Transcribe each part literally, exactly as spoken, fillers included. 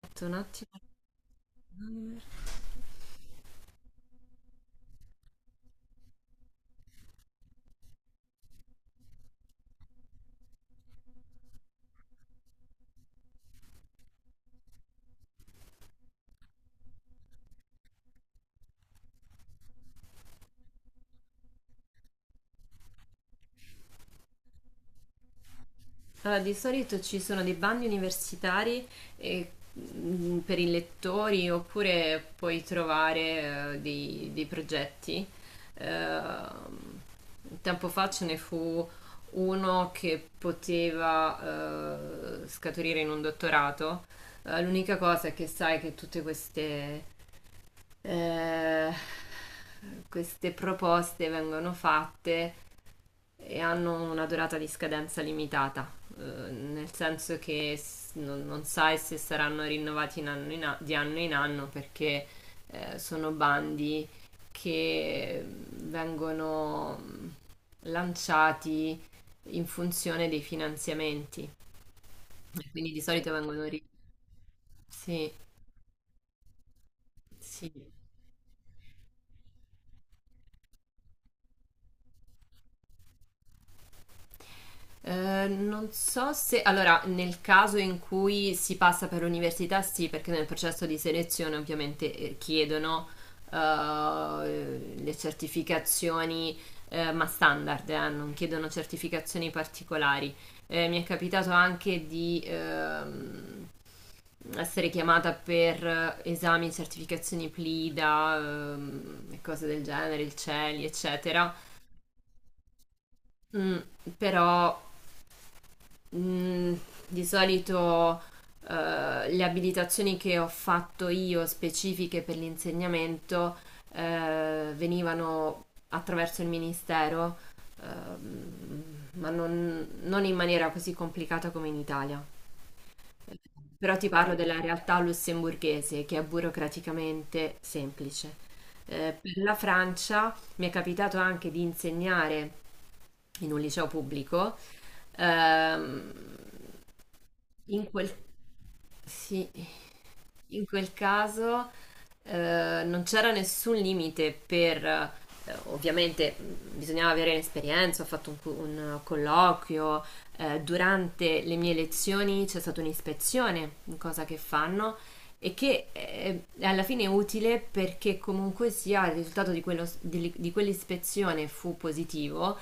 Aspetta un attimo. Allora, di solito ci sono dei bandi universitari e, mm, per i lettori, oppure puoi trovare eh, dei, dei progetti. Ehm, Tempo fa ce ne fu uno che poteva eh, scaturire in un dottorato. Eh, l'unica cosa è che sai che tutte queste, eh, queste proposte vengono fatte e hanno una durata di scadenza limitata, eh, nel senso che s- non, non sai se saranno rinnovati in anno in a- di anno in anno, perché eh, sono bandi che vengono lanciati in funzione dei finanziamenti, quindi di solito vengono ri- Sì, sì. Eh, non so se. Allora, nel caso in cui si passa per l'università, sì, perché nel processo di selezione ovviamente eh, chiedono eh, le certificazioni, eh, ma standard, eh, non chiedono certificazioni particolari. Eh, mi è capitato anche di ehm, essere chiamata per esami, certificazioni PLIDA, ehm, e cose del genere, il CELI, eccetera. Mm, Però Mm, di solito eh, le abilitazioni che ho fatto io specifiche per l'insegnamento eh, venivano attraverso il ministero, ehm, ma non, non in maniera così complicata come in Italia. Però ti parlo della realtà lussemburghese, che è burocraticamente semplice. Eh, per la Francia mi è capitato anche di insegnare in un liceo pubblico. Ehm, In quel, sì, in quel caso eh, non c'era nessun limite, per eh, ovviamente mh, bisognava avere l'esperienza, ho fatto un, cu- un colloquio, eh, durante le mie lezioni c'è stata un'ispezione, cosa che fanno e che eh, è alla fine è utile, perché comunque sia il risultato di, quello- di- di quell'ispezione fu positivo,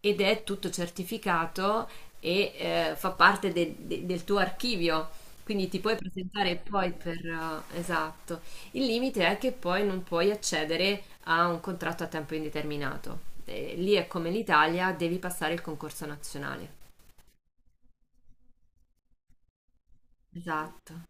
ed è tutto certificato, e eh, fa parte de- de- del tuo archivio, quindi ti puoi presentare poi per. eh, Esatto. Il limite è che poi non puoi accedere a un contratto a tempo indeterminato. Eh, lì è come l'Italia, devi passare il concorso nazionale. Esatto.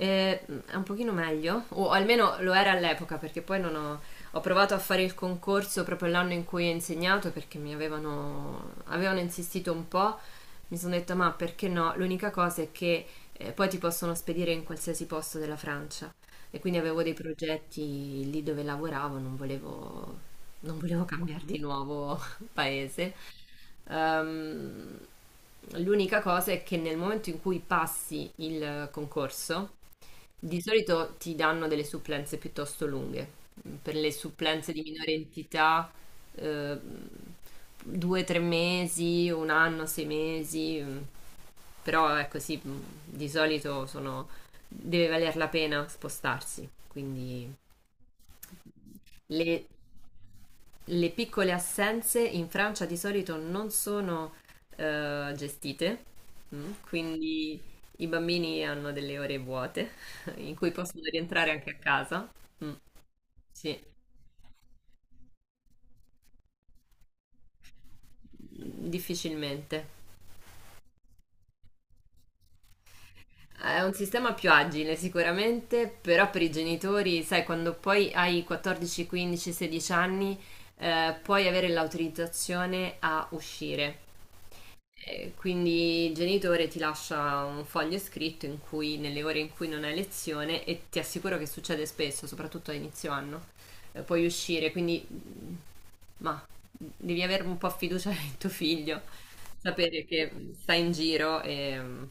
Eh, è un pochino meglio, o almeno lo era all'epoca, perché poi non ho, ho provato a fare il concorso proprio l'anno in cui ho insegnato, perché mi avevano, avevano insistito un po', mi sono detta, ma perché no? L'unica cosa è che eh, poi ti possono spedire in qualsiasi posto della Francia, e quindi avevo dei progetti lì dove lavoravo, non volevo, non volevo cambiare di nuovo paese. Ehm, L'unica cosa è che nel momento in cui passi il concorso, di solito ti danno delle supplenze piuttosto lunghe. Per le supplenze di minore entità, eh, due, tre mesi, un anno, sei mesi. Mm. Però ecco sì, mm, di solito sono- deve valer la pena spostarsi. Quindi le, le piccole assenze in Francia di solito non sono eh, gestite, mm, quindi i bambini hanno delle ore vuote in cui possono rientrare anche a casa. Mm, sì, difficilmente. È un sistema più agile sicuramente, però per i genitori, sai, quando poi hai quattordici, quindici, sedici anni, eh, puoi avere l'autorizzazione a uscire. E quindi il genitore ti lascia un foglio scritto in cui, nelle ore in cui non hai lezione, e ti assicuro che succede spesso, soprattutto a inizio anno, eh, puoi uscire, quindi mm, ma devi avere un po' fiducia in tuo figlio, sapere che mm, sta in giro e mm,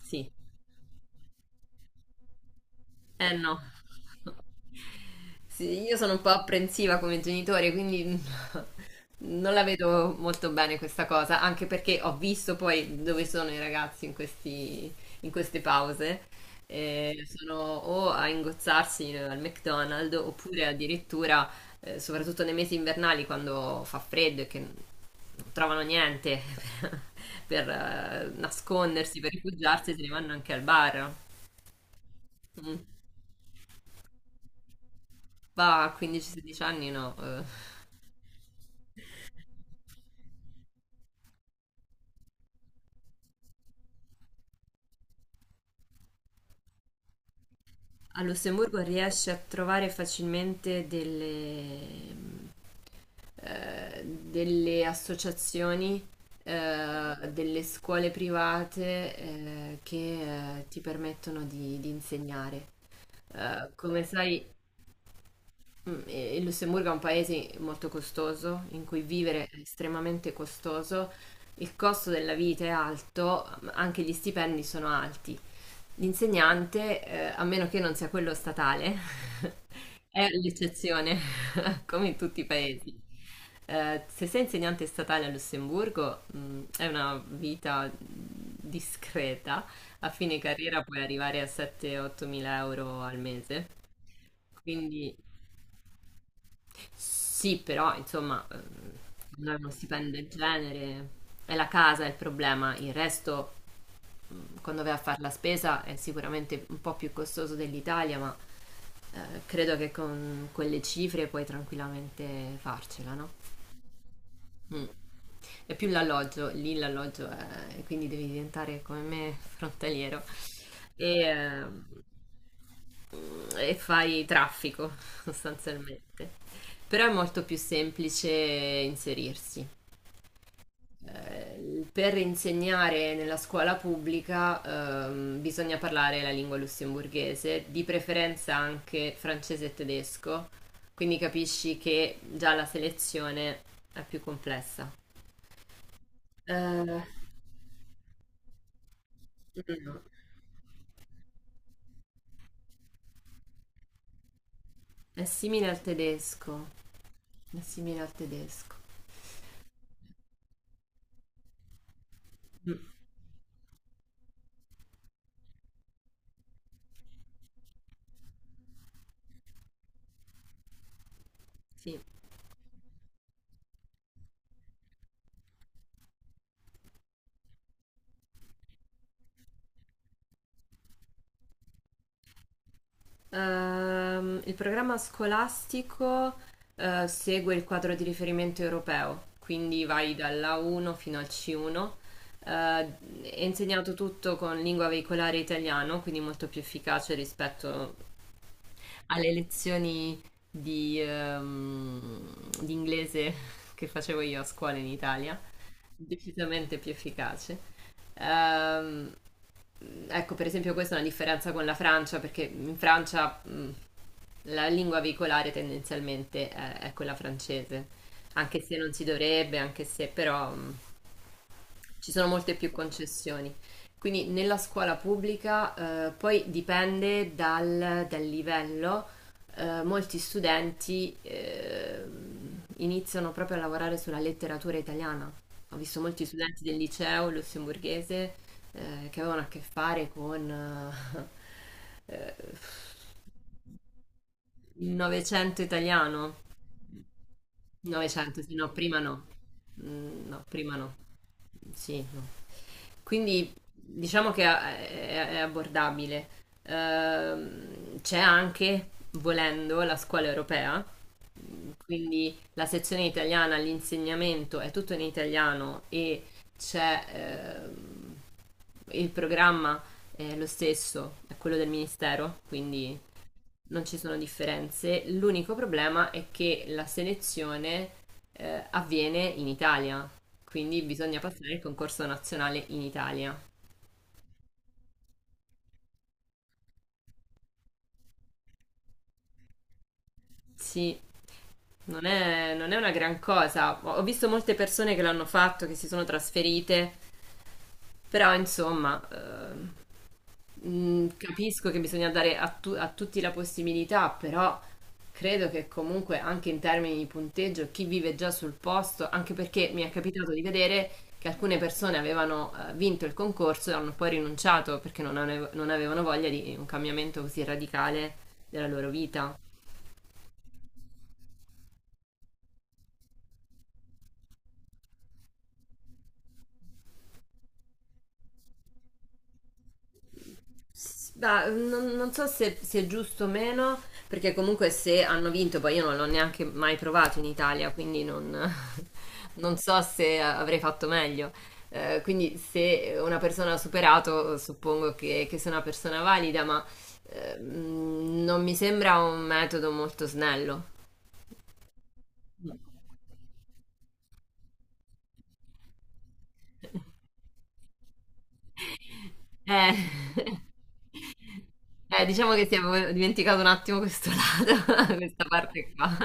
sì. Eh no. Sì, io sono un po' apprensiva come genitore, quindi non la vedo molto bene questa cosa, anche perché ho visto poi dove sono i ragazzi in questi- in queste pause. Eh, sono o a ingozzarsi al McDonald's, oppure addirittura, eh, soprattutto nei mesi invernali quando fa freddo e che non trovano niente per, eh, nascondersi, per rifugiarsi, se ne vanno anche al bar. Mm. Va a quindici sedici anni, no. Eh. A Lussemburgo riesci a trovare facilmente delle, mh, eh, delle associazioni, eh, delle scuole private, eh, che eh, ti permettono di, di insegnare. Eh, come sai, mh, eh, il Lussemburgo è un paese molto costoso, in cui vivere è estremamente costoso. Il costo della vita è alto, ma anche gli stipendi sono alti. L'insegnante, ehm, a meno che non sia quello statale, è l'eccezione, come in tutti i paesi. Ehm, se sei insegnante statale a Lussemburgo, mhmm, è una vita discreta. A fine carriera puoi arrivare a sette, ottomila euro al mese. Quindi sì, però insomma, ehm, non è uno stipendio del genere, è la casa il problema. Il resto, quando vai a fare la spesa, è sicuramente un po' più costoso dell'Italia, ma eh, credo che con quelle cifre puoi tranquillamente farcela, no? Mm. È più l'alloggio, lì l'alloggio è, quindi devi diventare come me frontaliero, e, eh, e fai traffico sostanzialmente. Però è molto più semplice inserirsi. Eh, per insegnare nella scuola pubblica ehm, bisogna parlare la lingua lussemburghese, di preferenza anche francese e tedesco, quindi capisci che già la selezione è più complessa. Eh, no. È simile al tedesco, è simile al tedesco. Mm, sì. Ehm, il programma scolastico eh, segue il quadro di riferimento europeo, quindi vai dall'A uno fino al C uno. Eh, è insegnato tutto con lingua veicolare italiano, quindi molto più efficace rispetto alle lezioni di, ehm, di inglese che facevo io a scuola in Italia, decisamente più efficace. Ehm, ecco, per esempio, questa è una differenza con la Francia, perché in Francia, mh, la lingua veicolare tendenzialmente è, è quella francese, anche se non si dovrebbe, anche se però mh, ci sono molte più concessioni. Quindi nella scuola pubblica eh, poi dipende dal, dal livello, eh, molti studenti eh, iniziano proprio a lavorare sulla letteratura italiana. Ho visto molti studenti del liceo lussemburghese eh, che avevano a che fare con eh, eh, il Novecento italiano. Novecento, sì, no, prima no. Mm, no, prima no. Sì, no. Quindi diciamo che è, è abbordabile. Ehm, c'è anche, volendo, la scuola europea, quindi la sezione italiana, l'insegnamento è tutto in italiano, e c'è, ehm, il programma è lo stesso, è quello del ministero, quindi non ci sono differenze. L'unico problema è che la selezione eh, avviene in Italia, quindi bisogna passare il concorso nazionale in Italia. Sì, non è, non è una gran cosa. Ho ho visto molte persone che l'hanno fatto, che si sono trasferite, però insomma. Eh, Mm, capisco che bisogna dare a, tu- a tutti la possibilità, però credo che comunque anche in termini di punteggio, chi vive già sul posto, anche perché mi è capitato di vedere che alcune persone avevano eh, vinto il concorso, e hanno poi rinunciato perché non, ave- non avevano voglia di un cambiamento così radicale della loro vita. S- bah, non, non so se, se, è giusto o meno, perché comunque se hanno vinto, poi io non l'ho neanche mai provato in Italia, quindi non, non so se avrei fatto meglio. Eh, quindi se una persona ha superato, suppongo che, che sia una persona valida, ma eh, mh, non mi sembra un metodo molto snello. Eh, eh, diciamo che ti avevo dimenticato un attimo questo lato, questa parte qua.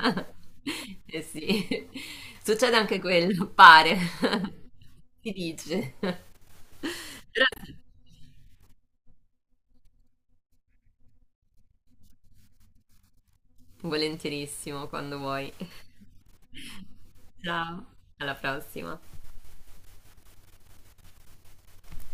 Eh sì, succede anche quello, pare, si dice. Però volentierissimo quando vuoi. Ciao. Alla prossima.